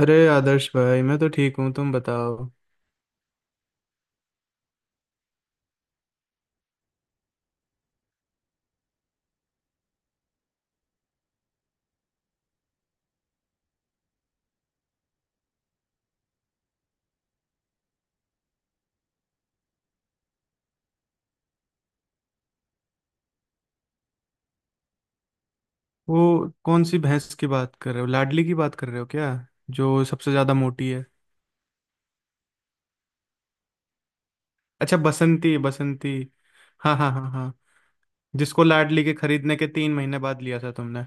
अरे आदर्श भाई, मैं तो ठीक हूँ, तुम बताओ। वो कौन सी भैंस की बात कर रहे हो, लाडली की बात कर रहे हो क्या? जो सबसे ज्यादा मोटी है। अच्छा, बसंती बसंती। हाँ हाँ हाँ हाँ। जिसको लाडली के खरीदने के 3 महीने बाद लिया था तुमने।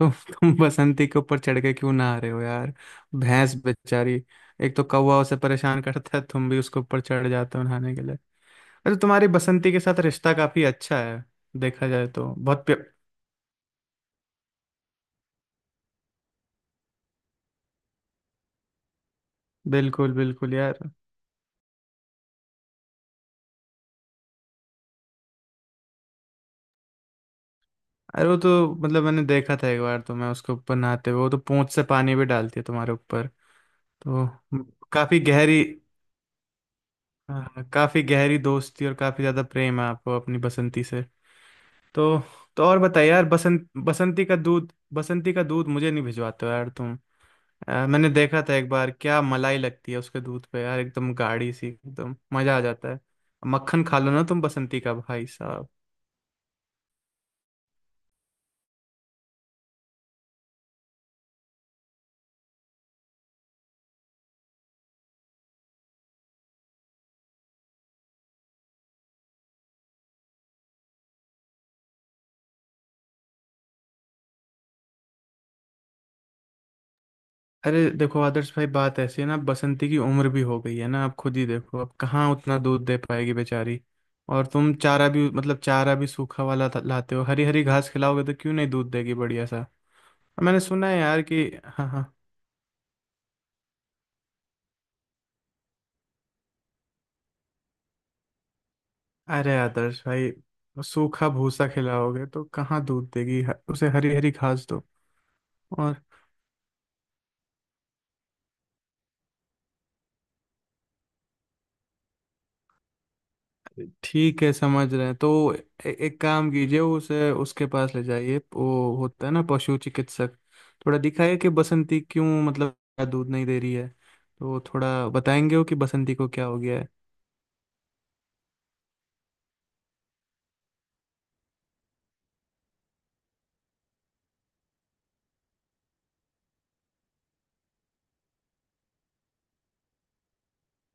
तो तुम बसंती के ऊपर चढ़ के क्यों ना आ रहे हो यार? भैंस बेचारी। एक तो कौवा उसे परेशान करता है, तुम भी उसके ऊपर चढ़ जाते हो नहाने के लिए। अरे तुम्हारी बसंती के साथ रिश्ता काफी अच्छा है। देखा जाए तो बहुत बिल्कुल बिल्कुल यार। अरे वो तो मतलब मैंने देखा था एक बार, तो मैं उसके ऊपर नहाते हुए, वो तो पूंछ से पानी भी डालती है तुम्हारे ऊपर। तो काफी गहरी। हाँ, काफी गहरी दोस्ती और काफी ज्यादा प्रेम है आपको अपनी बसंती से। तो तो और बताइए यार, बसंती का दूध मुझे नहीं भिजवाते हो यार तुम। मैंने देखा था एक बार, क्या मलाई लगती है उसके दूध पे यार, एकदम गाढ़ी सी, एकदम मजा आ जाता है। मक्खन खा लो ना तुम बसंती का, भाई साहब। अरे देखो आदर्श भाई, बात ऐसी है ना, बसंती की उम्र भी हो गई है ना, आप खुद ही देखो, अब कहाँ उतना दूध दे पाएगी बेचारी। और तुम चारा भी, मतलब चारा भी सूखा वाला लाते हो, हरी हरी घास खिलाओगे तो क्यों नहीं दूध देगी बढ़िया सा। और मैंने सुना है यार कि, हाँ हाँ, अरे आदर्श भाई, सूखा भूसा खिलाओगे तो कहाँ दूध देगी, उसे हरी हरी घास दो। और ठीक है, समझ रहे हैं तो, एक काम कीजिए, उसे उसके पास ले जाइए, वो होता है ना पशु चिकित्सक, थोड़ा दिखाइए कि बसंती क्यों मतलब दूध नहीं दे रही है, तो थोड़ा बताएंगे वो कि बसंती को क्या हो गया है।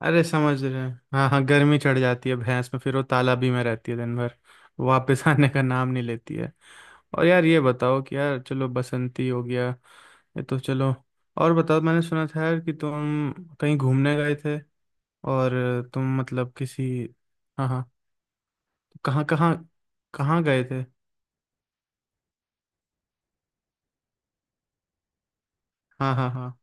अरे समझ रहे हैं। हाँ हाँ, गर्मी चढ़ जाती है भैंस में, फिर वो तालाबी में रहती है दिन भर, वापस आने का नाम नहीं लेती है। और यार ये बताओ कि, यार चलो बसंती हो गया, ये तो चलो, और बताओ, मैंने सुना था यार कि तुम कहीं घूमने गए थे, और तुम मतलब किसी, हाँ हाँ, कहाँ कहाँ, कहाँ गए थे? हाँ हाँ हाँ।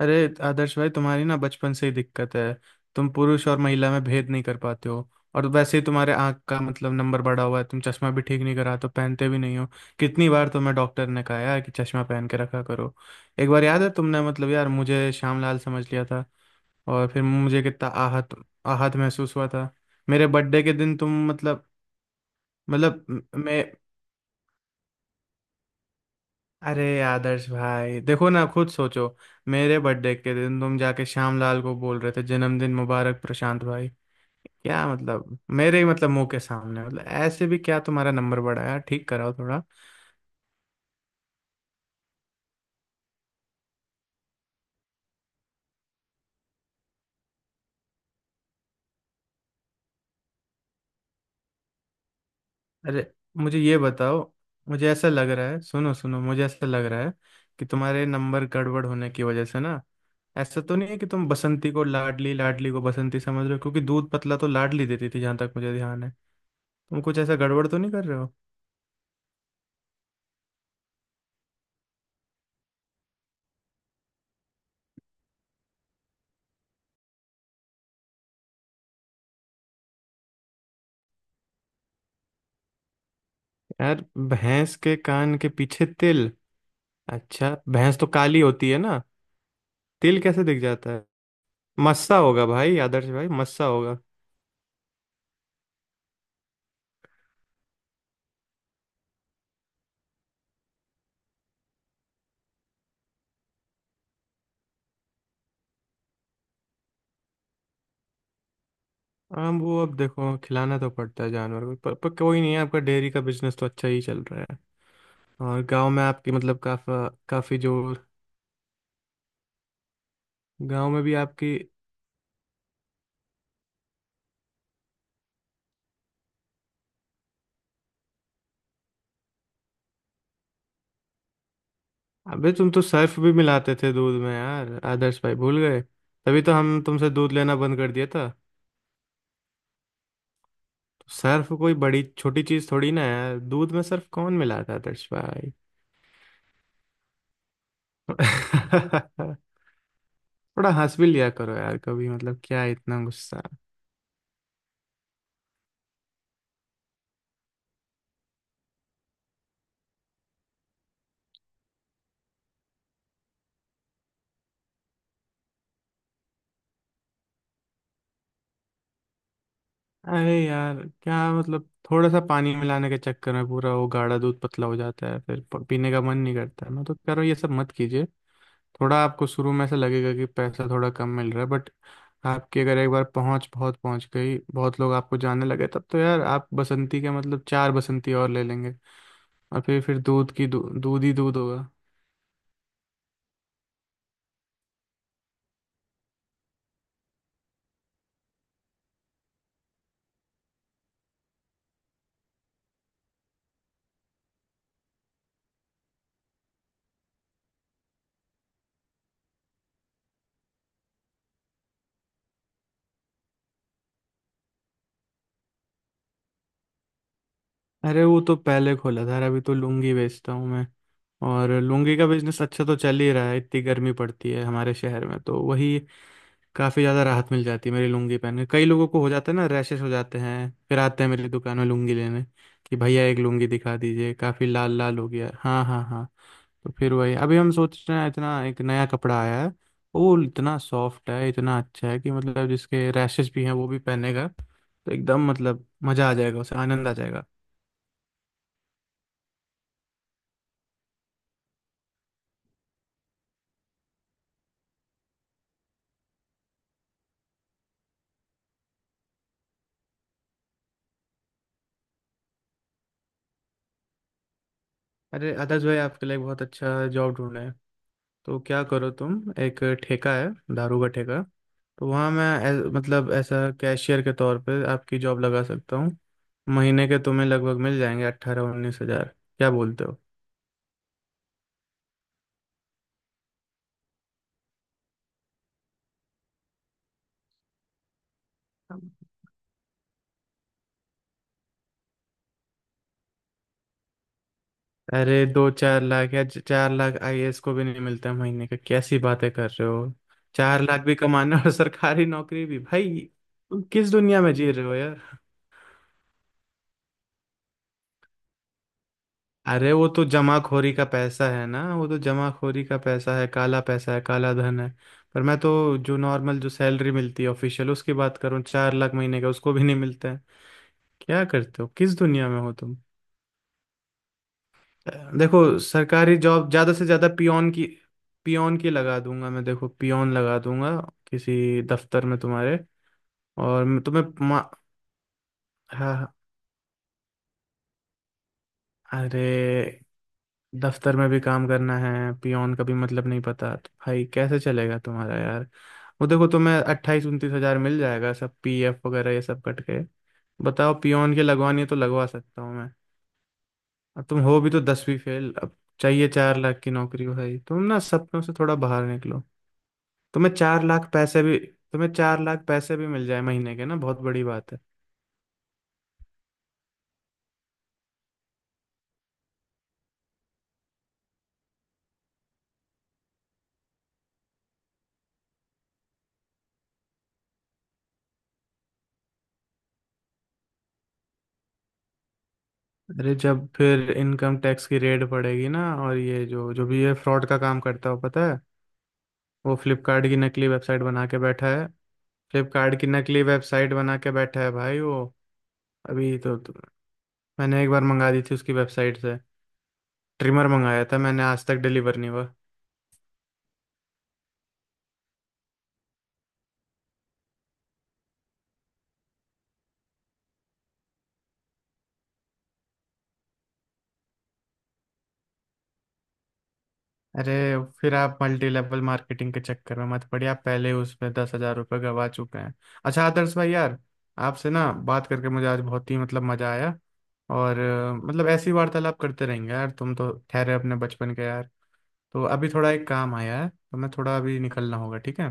अरे आदर्श भाई, तुम्हारी ना बचपन से ही दिक्कत है, तुम पुरुष और महिला में भेद नहीं कर पाते हो। और वैसे ही तुम्हारे आंख का मतलब नंबर बढ़ा हुआ है, तुम चश्मा भी ठीक नहीं करा तो पहनते भी नहीं हो। कितनी बार तुम्हें डॉक्टर ने कहा है कि चश्मा पहन के रखा करो। एक बार याद है, तुमने मतलब यार मुझे श्यामलाल समझ लिया था और फिर मुझे कितना आहत, आहत महसूस हुआ था। मेरे बर्थडे के दिन तुम मतलब, मतलब मैं, अरे आदर्श भाई देखो ना, खुद सोचो। मेरे बर्थडे के दिन तुम जाके श्यामलाल को बोल रहे थे, जन्मदिन मुबारक प्रशांत भाई। क्या मतलब, मेरे ही मतलब मुंह के सामने, मतलब ऐसे भी क्या, तुम्हारा नंबर बढ़ाया, ठीक कराओ थोड़ा। अरे, मुझे ये बताओ, मुझे ऐसा लग रहा है, सुनो सुनो, मुझे ऐसा लग रहा है कि तुम्हारे नंबर गड़बड़ होने की वजह से ना, ऐसा तो नहीं है कि तुम बसंती को लाडली, लाडली को बसंती समझ रहे हो, क्योंकि दूध पतला तो लाडली देती थी जहां तक मुझे ध्यान है। तुम कुछ ऐसा गड़बड़ तो नहीं कर रहे हो? यार भैंस के कान के पीछे तिल? अच्छा भैंस तो काली होती है ना, तिल कैसे दिख जाता है? मस्सा होगा भाई, आदर्श भाई, मस्सा होगा। हाँ, वो अब देखो खिलाना तो पड़ता है जानवर को, पर कोई नहीं, है आपका डेयरी का बिजनेस तो अच्छा ही चल रहा है। और गांव में आपकी मतलब काफा काफी जो, गांव में भी आपकी, अबे तुम तो सर्फ भी मिलाते थे दूध में यार, आदर्श भाई भूल गए? तभी तो हम तुमसे दूध लेना बंद कर दिया था। सर्फ कोई बड़ी छोटी चीज थोड़ी ना है, दूध में सर्फ कौन मिलाता है दर्श भाई? थोड़ा हंस भी लिया करो यार कभी, मतलब क्या इतना गुस्सा? अरे यार, क्या मतलब थोड़ा सा पानी मिलाने के चक्कर में पूरा वो गाढ़ा दूध पतला हो जाता है, फिर पीने का मन नहीं करता, मैं तो कह रहा हूँ ये सब मत कीजिए। थोड़ा आपको शुरू में ऐसा लगेगा कि पैसा थोड़ा कम मिल रहा है, बट आपकी अगर एक बार पहुंच, बहुत पहुंच गई, बहुत लोग आपको जानने लगे, तब तो यार आप बसंती के मतलब चार बसंती और ले लेंगे, और फिर दूध की दूध ही दूध होगा। अरे वो तो पहले खोला था यार, अभी तो लुंगी बेचता हूँ मैं। और लुंगी का बिजनेस अच्छा तो चल ही रहा है, इतनी गर्मी पड़ती है हमारे शहर में, तो वही काफ़ी ज़्यादा राहत मिल जाती है मेरी लुंगी पहन के, कई लोगों को हो जाता है ना रैशेस, हो जाते हैं, फिर आते हैं मेरी दुकान में लुंगी लेने कि भैया एक लुंगी दिखा दीजिए, काफ़ी लाल लाल हो गया है। हाँ हाँ हाँ। तो फिर वही अभी हम सोच रहे हैं, इतना एक नया कपड़ा आया है, वो इतना सॉफ्ट है, इतना अच्छा है कि मतलब जिसके रैशेस भी हैं वो भी पहनेगा, तो एकदम मतलब मज़ा आ जाएगा, उसे आनंद आ जाएगा। अरे आदर्श भाई, आपके लिए एक बहुत अच्छा जॉब ढूंढना है। तो क्या करो, तुम, एक ठेका है, दारू का ठेका, तो वहाँ मैं मतलब ऐसा कैशियर के तौर पे आपकी जॉब लगा सकता हूँ। महीने के तुम्हें लगभग मिल जाएंगे 18-19 हज़ार। क्या बोलते हो? अरे 2-4 लाख, या 4 लाख आईएएस को भी नहीं मिलता है महीने का, कैसी बातें कर रहे हो? 4 लाख भी कमाना और सरकारी नौकरी भी, भाई तुम किस दुनिया में जी रहे हो? अरे वो तो जमाखोरी का पैसा है ना, वो तो जमाखोरी का पैसा है, काला पैसा है, काला धन है। पर मैं तो जो नॉर्मल जो सैलरी मिलती है ऑफिशियल, उसकी बात करूँ, 4 लाख महीने का उसको भी नहीं मिलता है। क्या करते हो, किस दुनिया में हो तुम? देखो सरकारी जॉब ज्यादा से ज्यादा पियोन की लगा दूंगा मैं, देखो पियोन लगा दूंगा किसी दफ्तर में तुम्हारे। और मैं तुम्हें हाँ, अरे दफ्तर में भी काम करना है, पियोन का भी मतलब नहीं पता, तो भाई कैसे चलेगा तुम्हारा यार? वो देखो तुम्हें 28-29 हज़ार मिल जाएगा, सब पीएफ वगैरह ये सब कट के। बताओ पियोन के लगवानी है तो लगवा सकता हूँ मैं। अब तुम हो भी तो 10वीं फेल, अब चाहिए 4 लाख की नौकरी, भाई तुम ना सपनों से थोड़ा बाहर निकलो। तुम्हें 4 लाख पैसे भी, तुम्हें 4 लाख पैसे भी मिल जाए महीने के ना, बहुत बड़ी बात है। अरे जब फिर इनकम टैक्स की रेड पड़ेगी ना, और ये जो जो भी ये फ्रॉड का काम करता हो पता है, वो फ्लिपकार्ट की नकली वेबसाइट बना के बैठा है। फ्लिपकार्ट की नकली वेबसाइट बना के बैठा है भाई वो। अभी तो मैंने एक बार मंगा दी थी उसकी वेबसाइट से, ट्रिमर मंगाया था मैंने, आज तक डिलीवर नहीं हुआ। अरे फिर आप मल्टी लेवल मार्केटिंग के चक्कर में मत पड़िए, आप पहले ही उसमें 10 हज़ार रुपये गवा चुके हैं। अच्छा आदर्श भाई यार, आपसे ना बात करके मुझे आज बहुत ही मतलब मजा आया। और मतलब ऐसी वार्तालाप करते रहेंगे यार, तुम तो ठहरे अपने बचपन के यार। तो अभी थोड़ा एक काम आया है, तो मैं थोड़ा अभी निकलना होगा, ठीक है?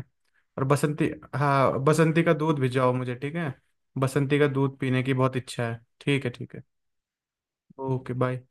और बसंती, हाँ बसंती का दूध भिजवाओ मुझे, ठीक है? बसंती का दूध पीने की बहुत इच्छा है, ठीक है ठीक है। Okay bye.